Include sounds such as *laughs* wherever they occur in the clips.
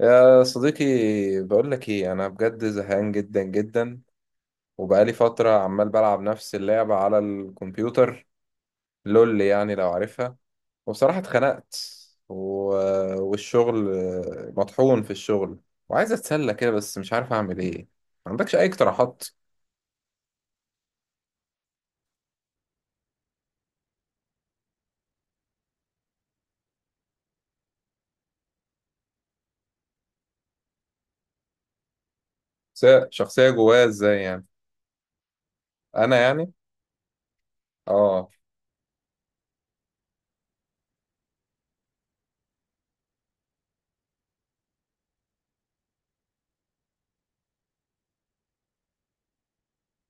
يا صديقي، بقول لك ايه، انا بجد زهقان جدا جدا. وبقالي فتره عمال بلعب نفس اللعبه على الكمبيوتر، لول يعني لو عارفها. وبصراحه اتخنقت. و... والشغل، مطحون في الشغل. وعايز اتسلى كده بس مش عارف اعمل ايه. ما عندكش اي اقتراحات؟ شخصيه جوايا ازاي يعني؟ انا يعني، اه.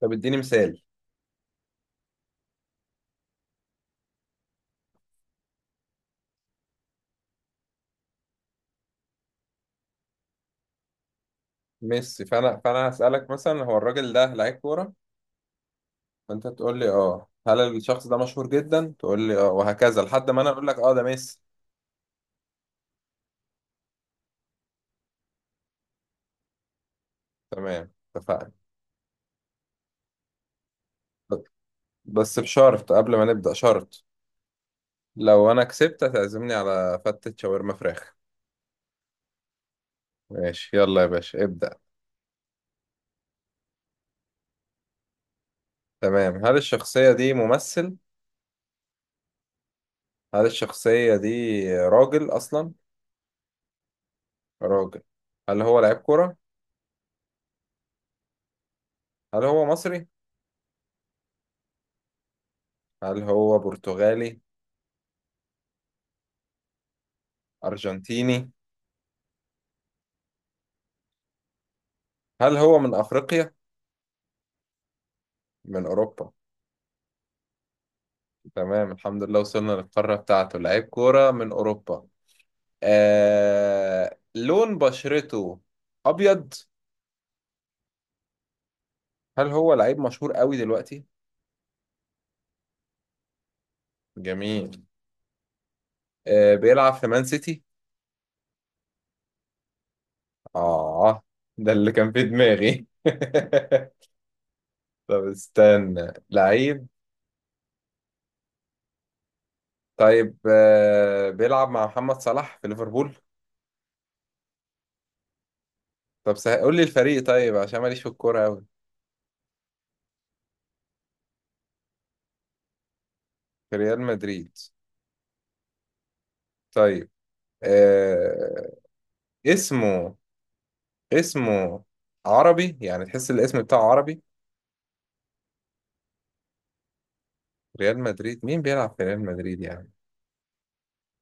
طب اديني مثال. ميسي؟ فانا هسالك مثلا، هو الراجل ده لعيب كوره؟ فانت تقول لي اه. هل الشخص ده مشهور جدا؟ تقول لي اه، وهكذا لحد ما انا اقول لك اه ده ميسي. تمام، اتفقنا. ب- بس بشرط، قبل ما نبدأ شرط، لو انا كسبت هتعزمني على فتة شاورما فراخ. ماشي، يلا يا باشا ابدأ. تمام. هل الشخصية دي ممثل؟ هل الشخصية دي راجل اصلا؟ راجل. هل هو لعيب كرة؟ هل هو مصري؟ هل هو برتغالي؟ ارجنتيني؟ هل هو من افريقيا؟ من اوروبا؟ تمام، الحمد لله وصلنا للقارة بتاعته. لعيب كورة من أوروبا. لون بشرته أبيض؟ هل هو لعيب مشهور قوي دلوقتي؟ جميل. بيلعب في مان سيتي؟ آه ده اللي كان في دماغي. *laughs* طب استنى. لعيب؟ طيب، بيلعب مع محمد صلاح في ليفربول؟ طب قول لي الفريق طيب، عشان ماليش في الكورة قوي. في ريال مدريد؟ طيب. آه... اسمه اسمه عربي يعني؟ تحس الاسم بتاعه عربي؟ ريال مدريد، مين بيلعب في ريال مدريد يعني؟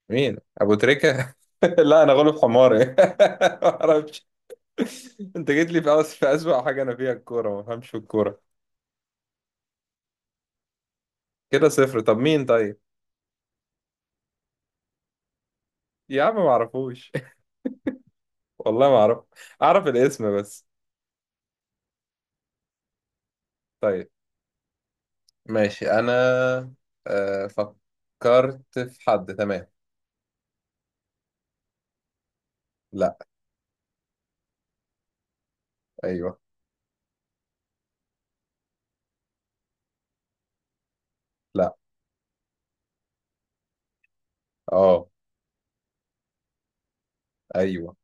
مين، ابو تريكة؟ *laughs* لا انا غلب حماري، *laughs* ما اعرفش. انت جيت لي في في اسوأ حاجه انا فيها، الكوره، ما بفهمش في الكوره. كده صفر. طب مين طيب؟ يا عم ما اعرفوش. *laughs* والله ما اعرف. اعرف الاسم بس. طيب ماشي، انا فكرت في حد، تمام. لا. ايوه. لا. اه. ايوه.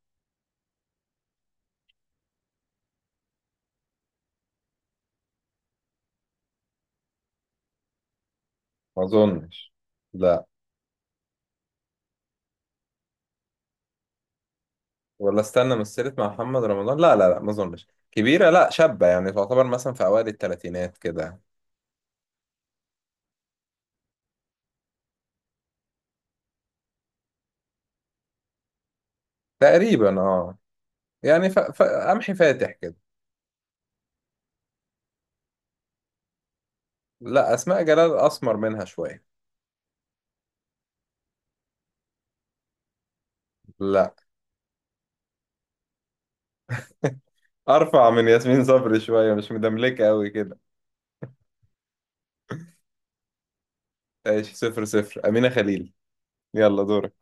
ما اظنش. لا. ولا استنى، مثلت مع محمد رمضان؟ لا، لا، لا، ما اظنش كبيرة، لا شابة يعني، تعتبر مثلا في اوائل الثلاثينات كده. تقريبا اه. يعني قمحي فاتح كده. لا، اسماء جلال اسمر منها شوية. لا. *laughs* ارفع من ياسمين صبري شوية، مش مدملكة قوي كده. ايش؟ 0-0. امينة خليل. يلا دورك.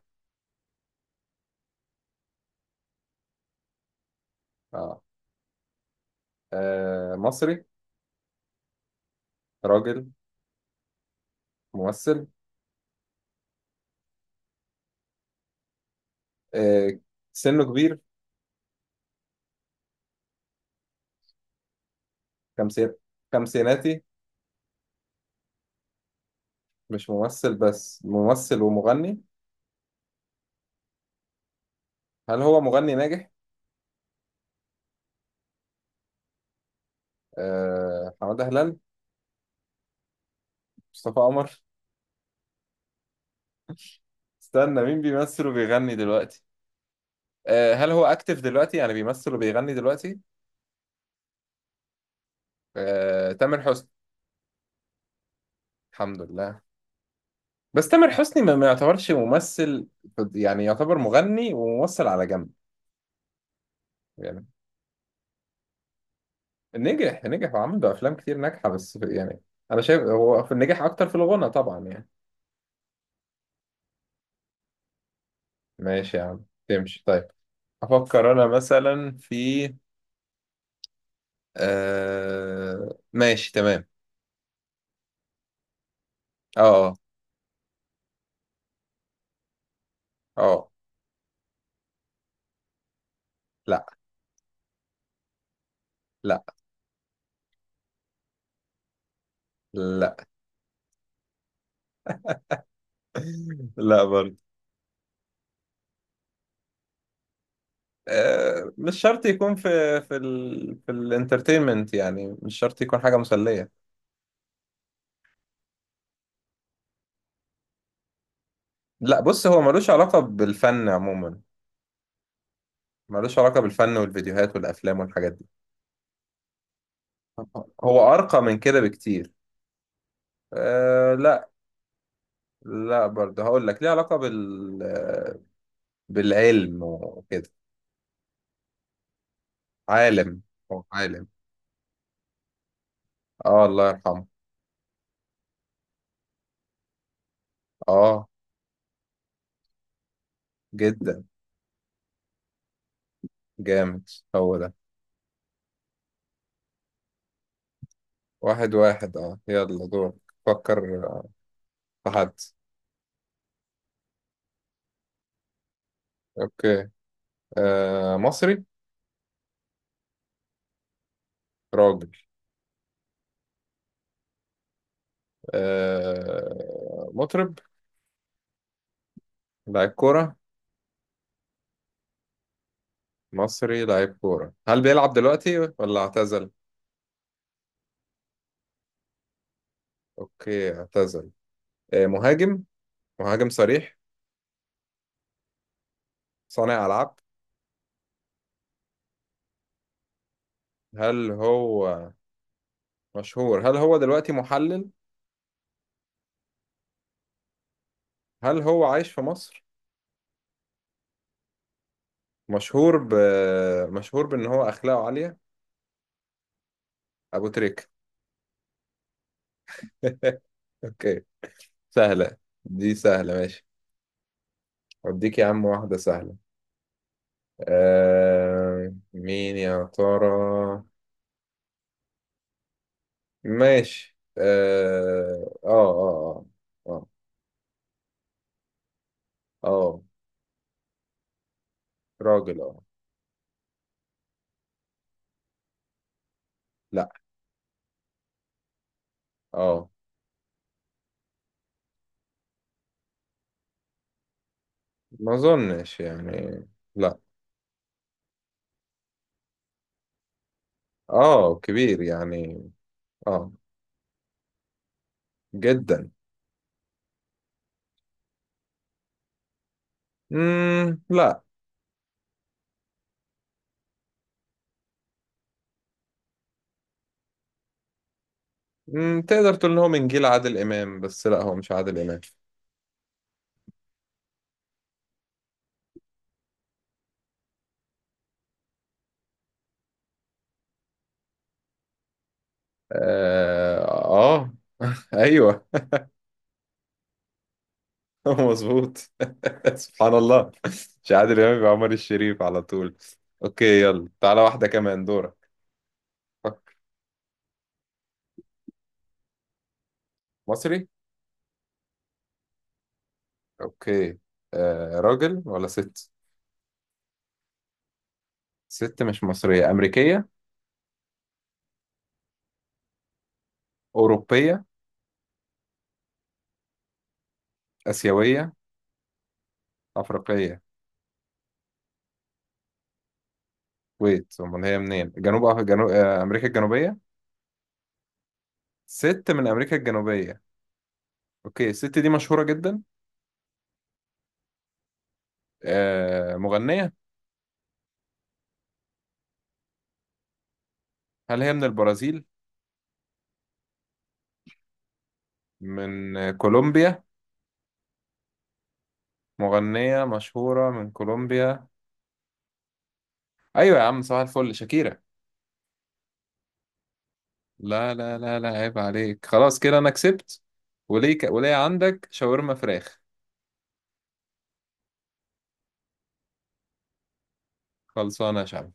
اه. مصري. راجل. ممثل. آه سنه كبير؟ 50؟ خمسيناتي؟ مش ممثل بس، ممثل ومغني. هل هو مغني ناجح؟ حمادة هلال؟ مصطفى قمر؟ استنى، مين بيمثل وبيغني دلوقتي؟ هل هو اكتف دلوقتي يعني بيمثل وبيغني دلوقتي؟ تامر حسني؟ الحمد لله. بس تامر حسني ما يعتبرش ممثل، يعني يعتبر مغني وممثل على جنب. يعني نجح، نجح، وعمل له افلام كتير ناجحه بس يعني، انا شايف هو في نجح اكتر في الغنى طبعا يعني. ماشي يا عم، تمشي طيب. افكر انا مثلا في ماشي، تمام. اه، اه. آه، لا، لا، لا، لا برضه. مش شرط يكون في الانترتينمنت يعني، مش شرط يكون حاجة مسلية. لا، بص، هو ملوش علاقة بالفن عموما. ملوش علاقة بالفن والفيديوهات والأفلام والحاجات دي. هو أرقى من كده بكتير. لا. لا برضه، هقول لك، ليه علاقة بالعلم وكده. عالم. هو عالم. اه، الله يرحمه. اه، جدا. جامد، هو ده. 1-1، اه، يلا دور. فكر في حد. اوكي. مصري. راجل. مطرب؟ لاعب كورة؟ مصري لاعب كورة، هل بيلعب دلوقتي ولا اعتزل؟ اوكي، اعتزل. مهاجم؟ مهاجم صريح؟ صانع ألعاب. هل هو مشهور؟ هل هو دلوقتي محلل؟ هل هو عايش في مصر؟ مشهور ب مشهور بأن هو أخلاقه عالية. أبو تريك. *laughs* اوكي. سهلة دي، سهلة ماشي. أديك يا عم واحدة سهلة. مين يا ترى؟ ماشي، اه، اه، اه. اه، اه. راجل، اه. لا، اه. ما اظنش يعني، لا. اه، كبير يعني، اه. جدا. لا. تقدر تقول ان هو من جيل عادل امام، بس لا، هو مش عادل امام. اه, آه. *laughs* ايوه. *laughs* مظبوط. *laughs* سبحان الله. مش عادل امام يبقى عمر الشريف على طول. اوكي، يلا تعالى واحدة كمان، دورك. مصري. اوكي. راجل ولا ست؟ ست مش مصرية؟ أمريكية؟ أوروبية؟ آسيوية؟ أفريقية؟ ويت، أمال هي منين؟ جنوب أمريكا الجنوبية؟ ست من أمريكا الجنوبية. اوكي، الست دي مشهورة جدا؟ مغنية؟ هل هي من البرازيل؟ من كولومبيا؟ مغنية مشهورة من كولومبيا. أيوة يا عم، صباح الفل، شاكيرا! لا، لا، لا، لا، عيب عليك، خلاص كده أنا كسبت. وليك، وليه عندك شاورما فراخ. خلصانة يا شعب.